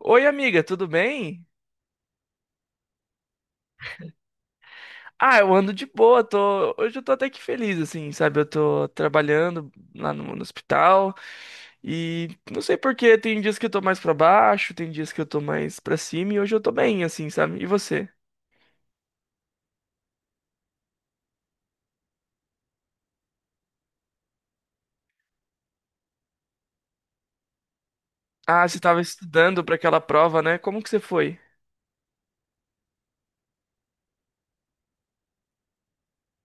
Oi, amiga, tudo bem? Ah, eu ando de boa, hoje eu tô até que feliz, assim, sabe? Eu tô trabalhando lá no hospital e não sei por quê, tem dias que eu tô mais pra baixo, tem dias que eu tô mais pra cima e hoje eu tô bem, assim, sabe? E você? Ah, você tava estudando pra aquela prova, né? Como que você foi?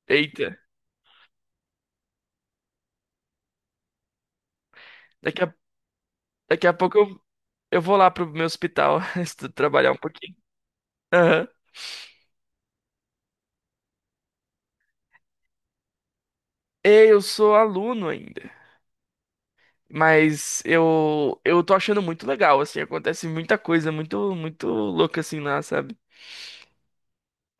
Eita, daqui a, daqui a pouco eu vou lá pro meu hospital trabalhar um pouquinho. Aham. Ei, eu sou aluno ainda. Mas eu tô achando muito legal, assim, acontece muita coisa muito muito louca assim lá, sabe?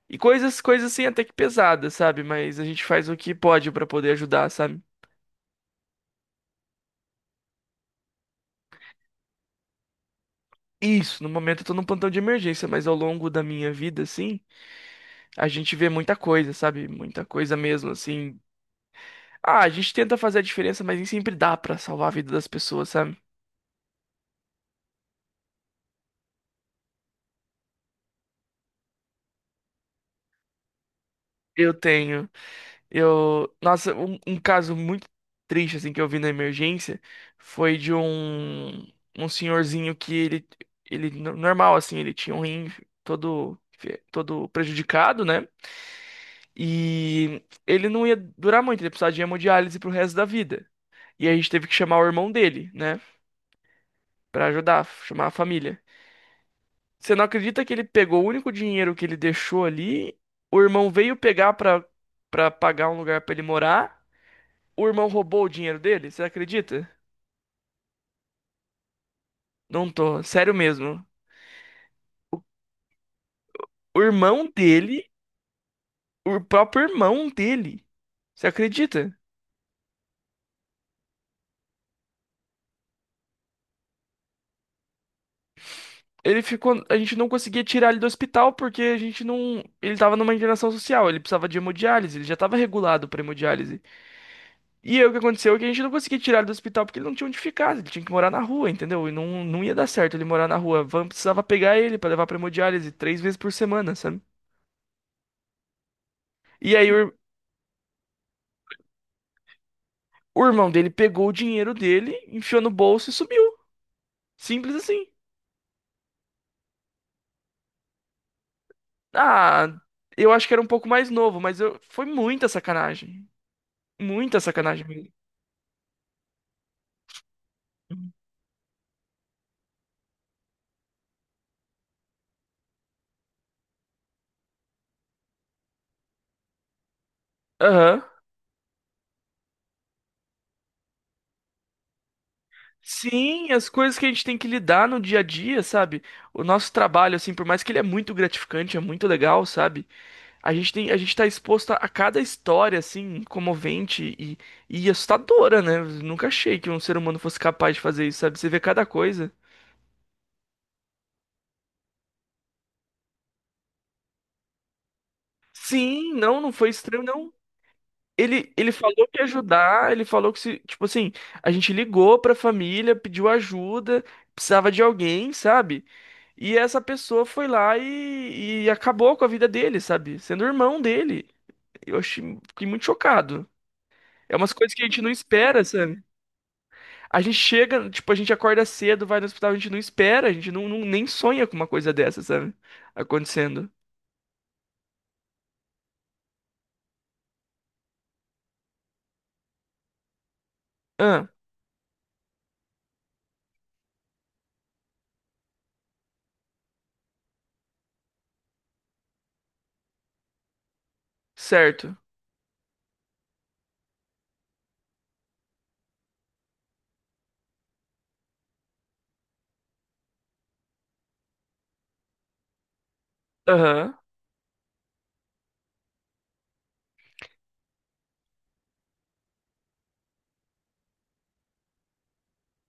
E coisas coisas assim até que pesadas, sabe? Mas a gente faz o que pode pra poder ajudar, sabe? Isso, no momento eu tô num plantão de emergência, mas ao longo da minha vida assim, a gente vê muita coisa, sabe? Muita coisa mesmo, assim. Ah, a gente tenta fazer a diferença, mas nem sempre dá pra salvar a vida das pessoas, sabe? Eu tenho. Eu, nossa, um caso muito triste assim que eu vi na emergência foi de um senhorzinho que ele normal assim, ele tinha um rim todo todo prejudicado, né? E ele não ia durar muito, ele precisava de hemodiálise pro resto da vida. E a gente teve que chamar o irmão dele, né, pra ajudar, chamar a família. Você não acredita que ele pegou o único dinheiro que ele deixou ali? O irmão veio pegar pra para pagar um lugar pra ele morar. O irmão roubou o dinheiro dele? Você acredita? Não tô, sério mesmo. O irmão dele, o próprio irmão dele. Você acredita? Ele ficou, a gente não conseguia tirar ele do hospital porque a gente não, ele tava numa internação social, ele precisava de hemodiálise, ele já tava regulado pra hemodiálise. E aí o que aconteceu é que a gente não conseguia tirar ele do hospital porque ele não tinha onde ficar, ele tinha que morar na rua, entendeu? E não, não ia dar certo ele morar na rua. A van precisava pegar ele pra levar pra hemodiálise três vezes por semana, sabe? E aí o irmão dele pegou o dinheiro dele, enfiou no bolso e sumiu. Simples assim. Ah, eu acho que era um pouco mais novo, mas foi muita sacanagem. Muita sacanagem mesmo. Aham. Sim, as coisas que a gente tem que lidar no dia a dia, sabe? O nosso trabalho, assim, por mais que ele é muito gratificante, é muito legal, sabe? A gente tem, a gente tá exposto a cada história, assim, comovente e assustadora, né? Eu nunca achei que um ser humano fosse capaz de fazer isso, sabe? Você vê cada coisa. Sim, não, não foi estranho, não. Ele falou que ia ajudar, ele falou que se, tipo assim, a gente ligou pra família, pediu ajuda, precisava de alguém, sabe? E essa pessoa foi lá e acabou com a vida dele, sabe? Sendo irmão dele. Eu achei, fiquei muito chocado. É umas coisas que a gente não espera, sabe? A gente chega, tipo, a gente acorda cedo, vai no hospital, a gente não espera, a gente nem sonha com uma coisa dessa, sabe? Acontecendo. Ah, certo. Aham.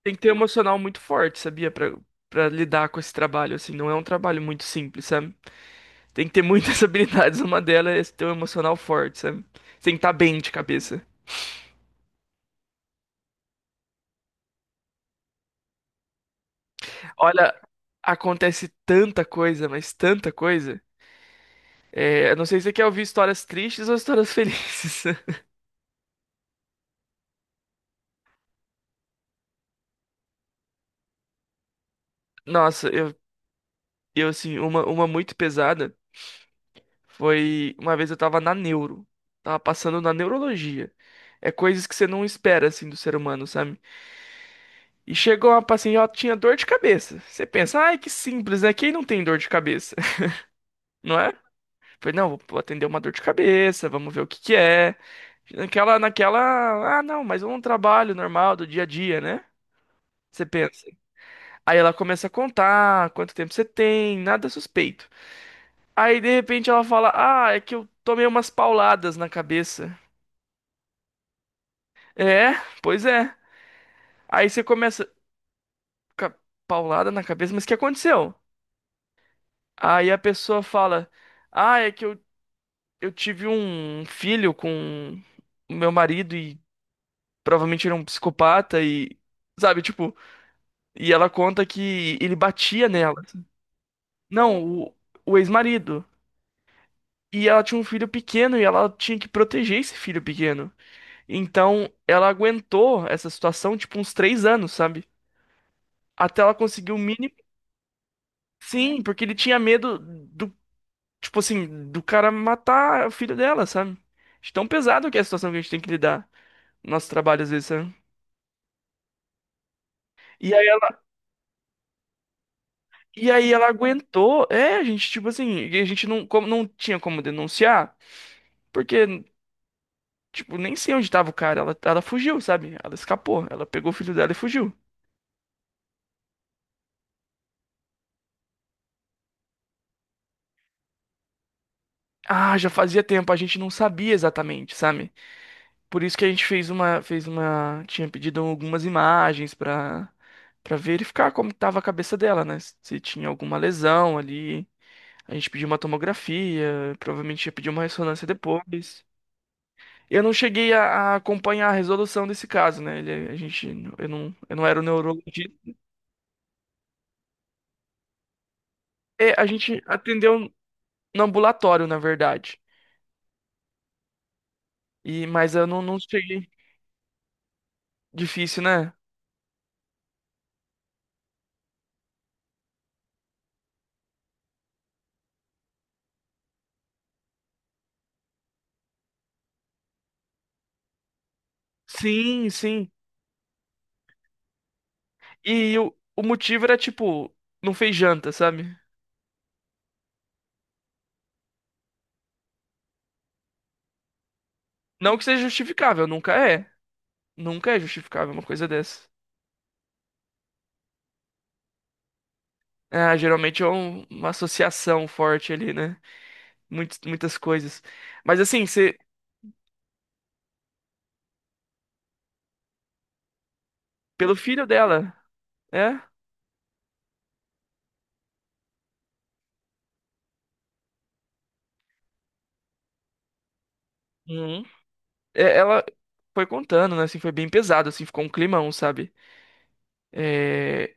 Tem que ter um emocional muito forte, sabia? Pra lidar com esse trabalho, assim. Não é um trabalho muito simples, sabe? Tem que ter muitas habilidades. Uma delas é esse ter um emocional forte, sabe? Você tem que estar bem de cabeça. Olha, acontece tanta coisa, mas tanta coisa. É, eu não sei se você quer ouvir histórias tristes ou histórias felizes. Nossa, eu assim, uma muito pesada foi uma vez eu tava na neuro. Tava passando na neurologia. É coisas que você não espera, assim, do ser humano, sabe? E chegou uma paciente, ela tinha dor de cabeça. Você pensa, ai, que simples, né? Quem não tem dor de cabeça, não é? Falei, não, vou atender uma dor de cabeça, vamos ver o que que é. Naquela, ah, não, mas é um trabalho normal do dia a dia, né? Você pensa. Aí ela começa a contar quanto tempo você tem, nada suspeito. Aí de repente ela fala, ah, é que eu tomei umas pauladas na cabeça. É, pois é. Aí você começa, "Ca- paulada na cabeça, mas o que aconteceu?" Aí a pessoa fala, ah, é que eu tive um filho com o meu marido e provavelmente ele é um psicopata e, sabe, tipo, e ela conta que ele batia nela. Não, o ex-marido. E ela tinha um filho pequeno e ela tinha que proteger esse filho pequeno. Então, ela aguentou essa situação, tipo, uns três anos, sabe? Até ela conseguir o mínimo. Sim, porque ele tinha medo do, tipo assim, do cara matar o filho dela, sabe? De tão pesado que é a situação que a gente tem que lidar no nosso trabalho às vezes, sabe? E E aí ela aguentou. É, a gente, tipo assim, e a gente não, como, não tinha como denunciar, porque, tipo, nem sei onde tava o cara. Ela fugiu, sabe? Ela escapou. Ela pegou o filho dela e fugiu. Ah, já fazia tempo, a gente não sabia exatamente, sabe? Por isso que a gente fez uma, tinha pedido algumas imagens pra verificar como tava a cabeça dela, né? Se tinha alguma lesão ali. A gente pediu uma tomografia, provavelmente ia pedir uma ressonância depois. Eu não cheguei a acompanhar a resolução desse caso, né? Ele, a gente, eu não era o neurologista. É, a gente atendeu no ambulatório, na verdade. E, mas eu não cheguei. Difícil, né? Sim, sim. E o motivo era, tipo, não fez janta, sabe? Não que seja justificável, nunca é. Nunca é justificável uma coisa dessa. Ah, geralmente é uma associação forte ali, né? Muitas, muitas coisas. Mas assim, você, pelo filho dela, é? É, ela foi contando, né? Assim, foi bem pesado, assim, ficou um climão, sabe? É,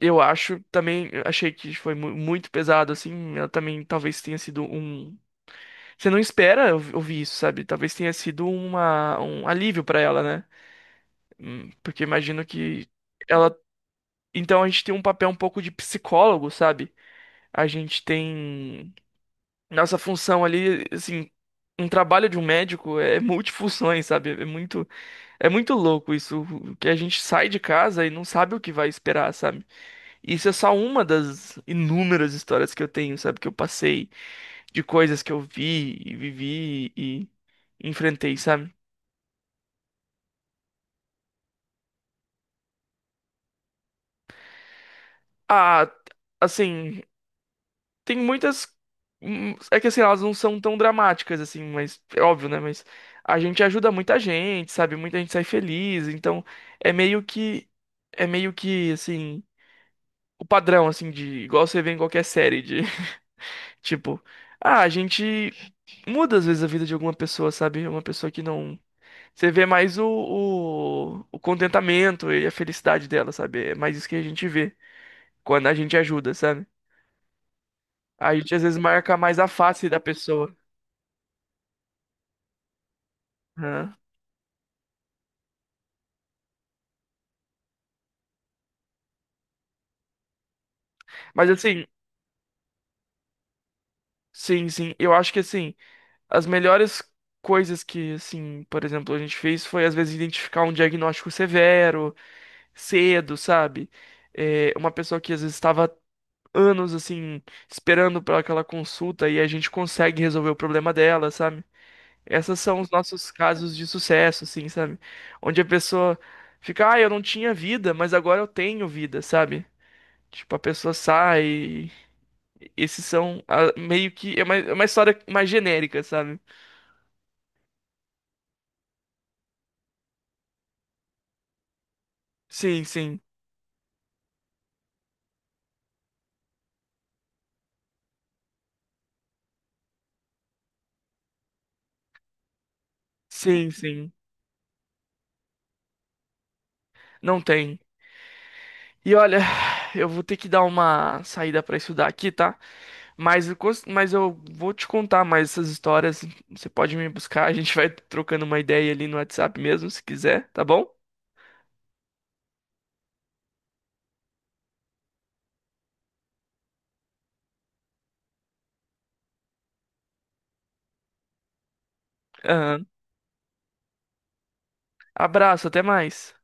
eu acho também, eu achei que foi muito pesado, assim. Ela também talvez tenha sido um. Você não espera ouvir isso, sabe? Talvez tenha sido um alívio pra ela, né? Porque imagino que ela. Então a gente tem um papel um pouco de psicólogo, sabe? A gente tem. Nossa função ali, assim, um trabalho de um médico é multifunções, sabe? É muito. É muito louco isso, que a gente sai de casa e não sabe o que vai esperar, sabe? Isso é só uma das inúmeras histórias que eu tenho, sabe? Que eu passei, de coisas que eu vi e vivi e enfrentei, sabe? Ah, assim, tem muitas. É que assim, elas não são tão dramáticas, assim, mas é óbvio, né? Mas a gente ajuda muita gente, sabe? Muita gente sai feliz, então é meio que. É meio que, assim, o padrão, assim, de. Igual você vê em qualquer série, de. Tipo, ah, a gente muda às vezes a vida de alguma pessoa, sabe? Uma pessoa que não. Você vê mais o contentamento e a felicidade dela, sabe? É mais isso que a gente vê quando a gente ajuda, sabe? A gente às vezes marca mais a face da pessoa. Né? Mas assim, sim, sim. Eu acho que assim, as melhores coisas que, assim, por exemplo, a gente fez foi às vezes identificar um diagnóstico severo, cedo, sabe? É, uma pessoa que às vezes estava anos assim esperando para aquela consulta e a gente consegue resolver o problema dela, sabe? Essas são os nossos casos de sucesso, assim, sabe? Onde a pessoa fica, ah, eu não tinha vida, mas agora eu tenho vida, sabe? Tipo, a pessoa sai. E esses são meio que. É uma história mais genérica, sabe? Sim, sim. Sim, sim. Não tem. E olha, eu vou ter que dar uma saída para estudar aqui, tá? Mas, eu vou te contar mais essas histórias. Você pode me buscar, a gente vai trocando uma ideia ali no WhatsApp mesmo, se quiser, tá bom? Aham. Abraço, até mais.